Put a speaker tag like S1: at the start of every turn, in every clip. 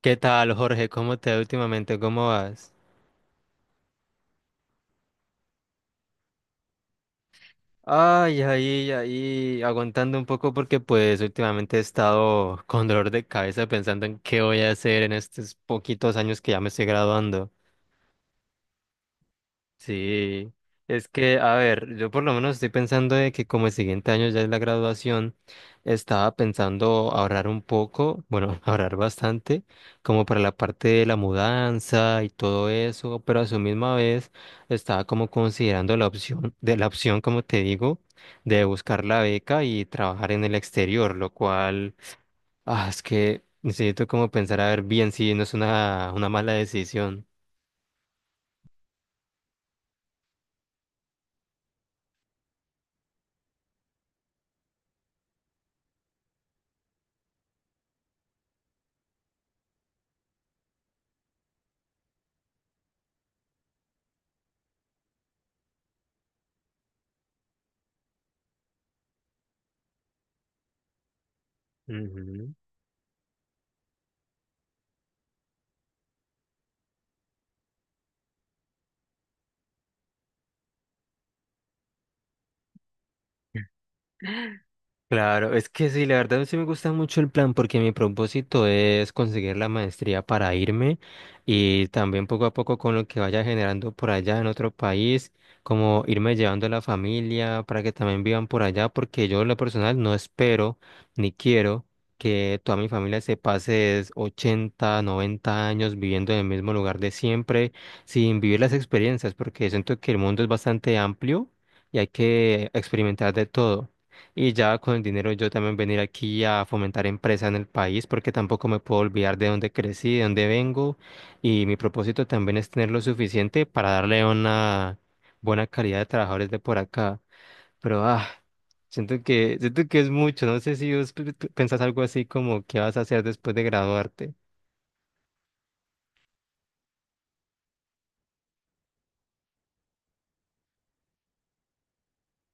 S1: ¿Qué tal, Jorge? ¿Cómo te va últimamente? ¿Cómo vas? Ay, ahí, aguantando un poco porque pues últimamente he estado con dolor de cabeza pensando en qué voy a hacer en estos poquitos años que ya me estoy graduando. Sí, es que, a ver, yo por lo menos estoy pensando de que como el siguiente año ya es la graduación, estaba pensando ahorrar un poco, bueno, ahorrar bastante, como para la parte de la mudanza y todo eso, pero a su misma vez estaba como considerando la opción, como te digo, de buscar la beca y trabajar en el exterior, lo cual, es que necesito como pensar a ver bien si no es una mala decisión. Ujú. Claro, es que sí, la verdad sí me gusta mucho el plan porque mi propósito es conseguir la maestría para irme y también poco a poco con lo que vaya generando por allá en otro país, como irme llevando a la familia para que también vivan por allá, porque yo en lo personal no espero ni quiero que toda mi familia se pase es 80, 90 años viviendo en el mismo lugar de siempre sin vivir las experiencias, porque siento que el mundo es bastante amplio y hay que experimentar de todo. Y ya con el dinero yo también venir aquí a fomentar empresa en el país porque tampoco me puedo olvidar de dónde crecí, de dónde vengo. Y mi propósito también es tener lo suficiente para darle una buena calidad de trabajadores de por acá. Pero siento que es mucho. No sé si vos pensás algo así como qué vas a hacer después de graduarte.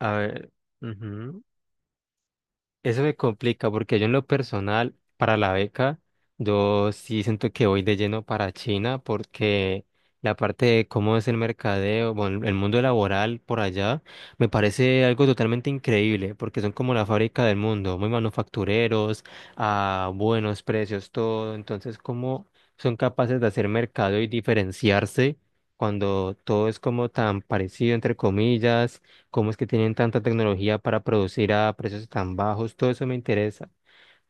S1: A ver. Eso me complica porque yo en lo personal, para la beca, yo sí siento que voy de lleno para China porque la parte de cómo es el mercadeo, bueno, el mundo laboral por allá, me parece algo totalmente increíble porque son como la fábrica del mundo, muy manufactureros, a buenos precios, todo. Entonces, ¿cómo son capaces de hacer mercado y diferenciarse cuando todo es como tan parecido, entre comillas? ¿Cómo es que tienen tanta tecnología para producir a precios tan bajos? Todo eso me interesa.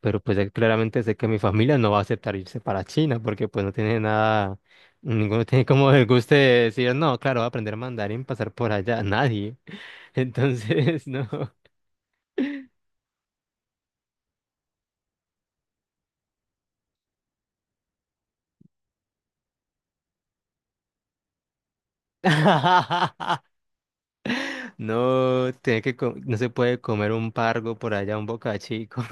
S1: Pero pues claramente sé que mi familia no va a aceptar irse para China porque pues no tiene nada, ninguno tiene como el gusto de decir, no, claro, voy a aprender mandarín, pasar por allá, nadie. Entonces, no. No, tiene que no se puede comer un pargo por allá, un bocachico.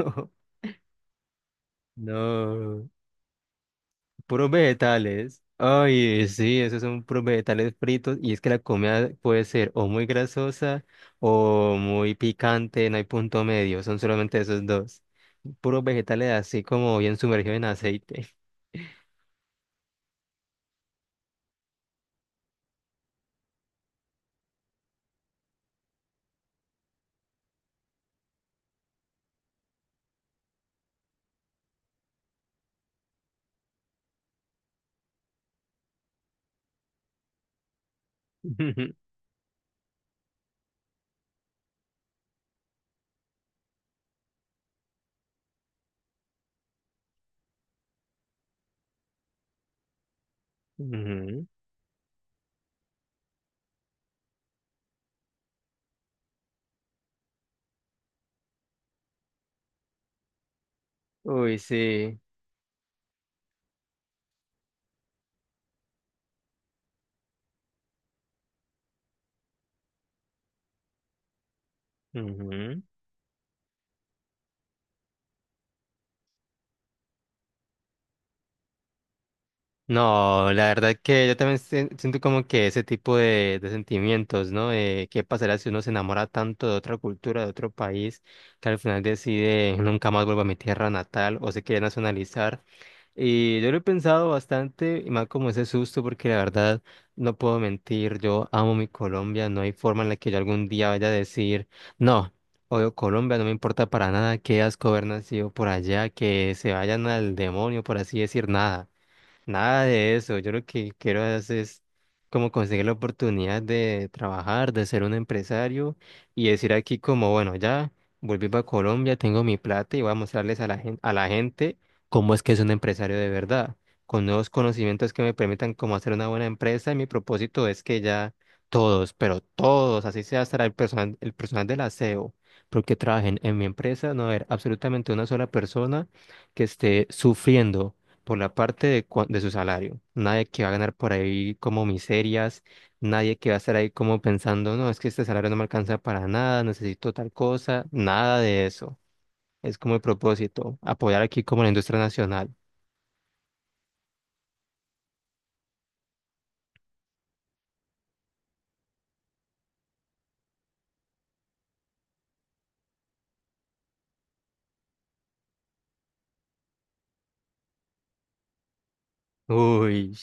S1: No. Puros vegetales. Ay, sí, esos son puros vegetales fritos. Y es que la comida puede ser o muy grasosa o muy picante, no hay punto medio, son solamente esos dos. Puros vegetales así como bien sumergidos en aceite. Ujú. Uy, sí. Ujú. No, la verdad que yo también siento como que ese tipo de sentimientos, ¿no? ¿Qué pasará si uno se enamora tanto de otra cultura, de otro país, que al final decide nunca más vuelvo a mi tierra natal o se quiere nacionalizar? Y yo lo he pensado bastante, y más como ese susto, porque la verdad no puedo mentir, yo amo mi Colombia, no hay forma en la que yo algún día vaya a decir, no, odio Colombia, no me importa para nada, qué asco haber nacido por allá, que se vayan al demonio, por así decir, nada. Nada de eso. Yo lo que quiero hacer es como conseguir la oportunidad de trabajar, de ser un empresario y decir aquí como, bueno, ya volví para Colombia, tengo mi plata y voy a mostrarles a la gente cómo es que es un empresario de verdad, con nuevos conocimientos que me permitan cómo hacer una buena empresa. Y mi propósito es que ya todos, pero todos, así sea hasta el personal del aseo, porque trabajen en mi empresa, no haber absolutamente una sola persona que esté sufriendo por la parte de, de su salario. Nadie que va a ganar por ahí como miserias, nadie que va a estar ahí como pensando, no, es que este salario no me alcanza para nada, necesito tal cosa, nada de eso. Es como el propósito, apoyar aquí como la industria nacional. Uy.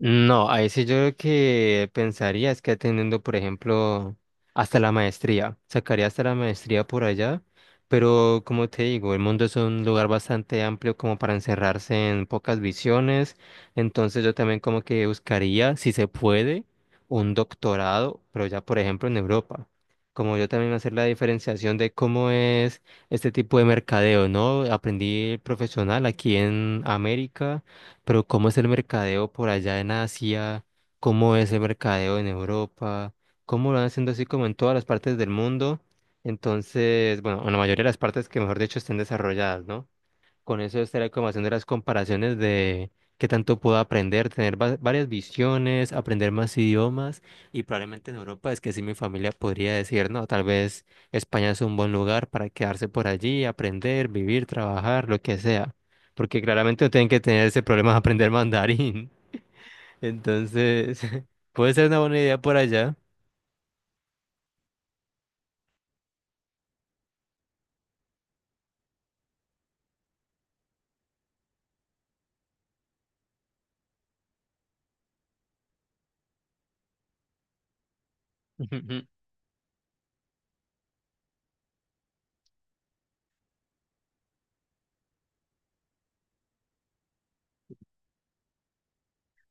S1: No, ahí sí yo lo que pensaría es que atendiendo, por ejemplo, hasta la maestría, sacaría hasta la maestría por allá, pero como te digo, el mundo es un lugar bastante amplio como para encerrarse en pocas visiones, entonces yo también como que buscaría, si se puede, un doctorado, pero ya por ejemplo en Europa. Como yo también hacer la diferenciación de cómo es este tipo de mercadeo, ¿no? Aprendí profesional aquí en América, pero ¿cómo es el mercadeo por allá en Asia? ¿Cómo es el mercadeo en Europa? ¿Cómo lo van haciendo así como en todas las partes del mundo? Entonces, bueno, en la mayoría de las partes que mejor dicho estén desarrolladas, ¿no? Con eso estaría como haciendo las comparaciones de qué tanto puedo aprender, tener varias visiones, aprender más idiomas, y probablemente en Europa es que sí mi familia podría decir, no, tal vez España es un buen lugar para quedarse por allí, aprender, vivir, trabajar, lo que sea, porque claramente no tienen que tener ese problema de aprender mandarín. Entonces, puede ser una buena idea por allá.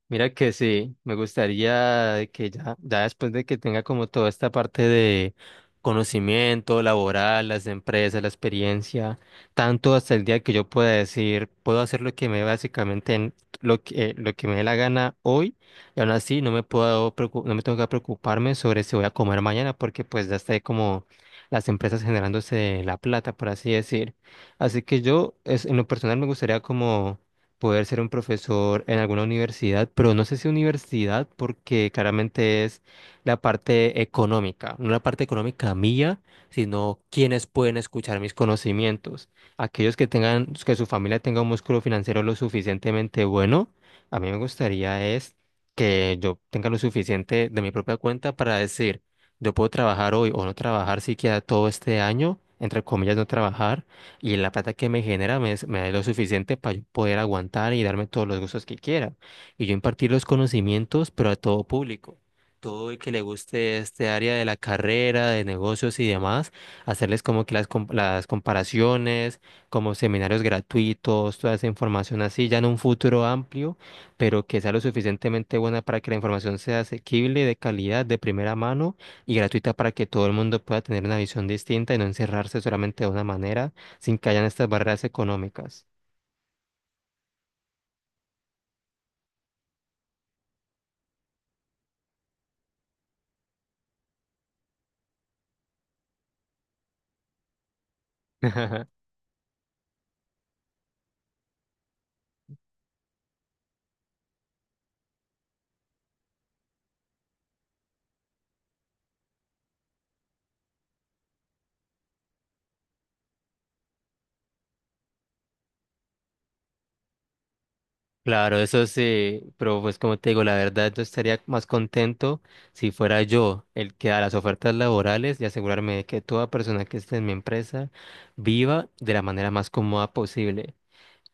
S1: Mira que sí, me gustaría que ya, ya después de que tenga como toda esta parte de conocimiento laboral, las empresas, la experiencia, tanto hasta el día que yo pueda decir, puedo hacer lo que me lo que me dé la gana hoy, y aún así no me puedo no me tengo que preocuparme sobre si voy a comer mañana, porque pues ya está como las empresas generándose la plata, por así decir. Así que yo, es, en lo personal me gustaría como poder ser un profesor en alguna universidad, pero no sé si universidad porque claramente es la parte económica, no la parte económica mía, sino quienes pueden escuchar mis conocimientos. Aquellos que tengan, que su familia tenga un músculo financiero lo suficientemente bueno, a mí me gustaría es que yo tenga lo suficiente de mi propia cuenta para decir, yo puedo trabajar hoy o no trabajar siquiera todo este año, entre comillas, no trabajar, y la plata que me genera me, me da lo suficiente para poder aguantar y darme todos los gustos que quiera. Y yo impartir los conocimientos, pero a todo público. Todo el que le guste este área de la carrera, de negocios y demás, hacerles como que las, las comparaciones, como seminarios gratuitos, toda esa información así, ya en un futuro amplio, pero que sea lo suficientemente buena para que la información sea asequible, de calidad, de primera mano y gratuita para que todo el mundo pueda tener una visión distinta y no encerrarse solamente de una manera sin que hayan estas barreras económicas. Claro, eso sí, pero pues como te digo, la verdad yo estaría más contento si fuera yo el que da las ofertas laborales y asegurarme de que toda persona que esté en mi empresa viva de la manera más cómoda posible.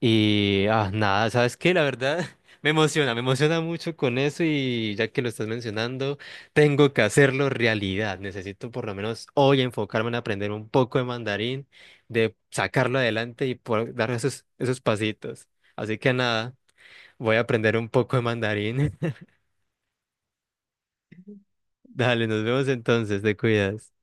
S1: Y nada, ¿sabes qué? La verdad me emociona mucho con eso, y ya que lo estás mencionando, tengo que hacerlo realidad. Necesito por lo menos hoy enfocarme en aprender un poco de mandarín, de sacarlo adelante y poder dar esos, esos pasitos. Así que nada, voy a aprender un poco de mandarín. Dale, nos vemos entonces, te cuidas.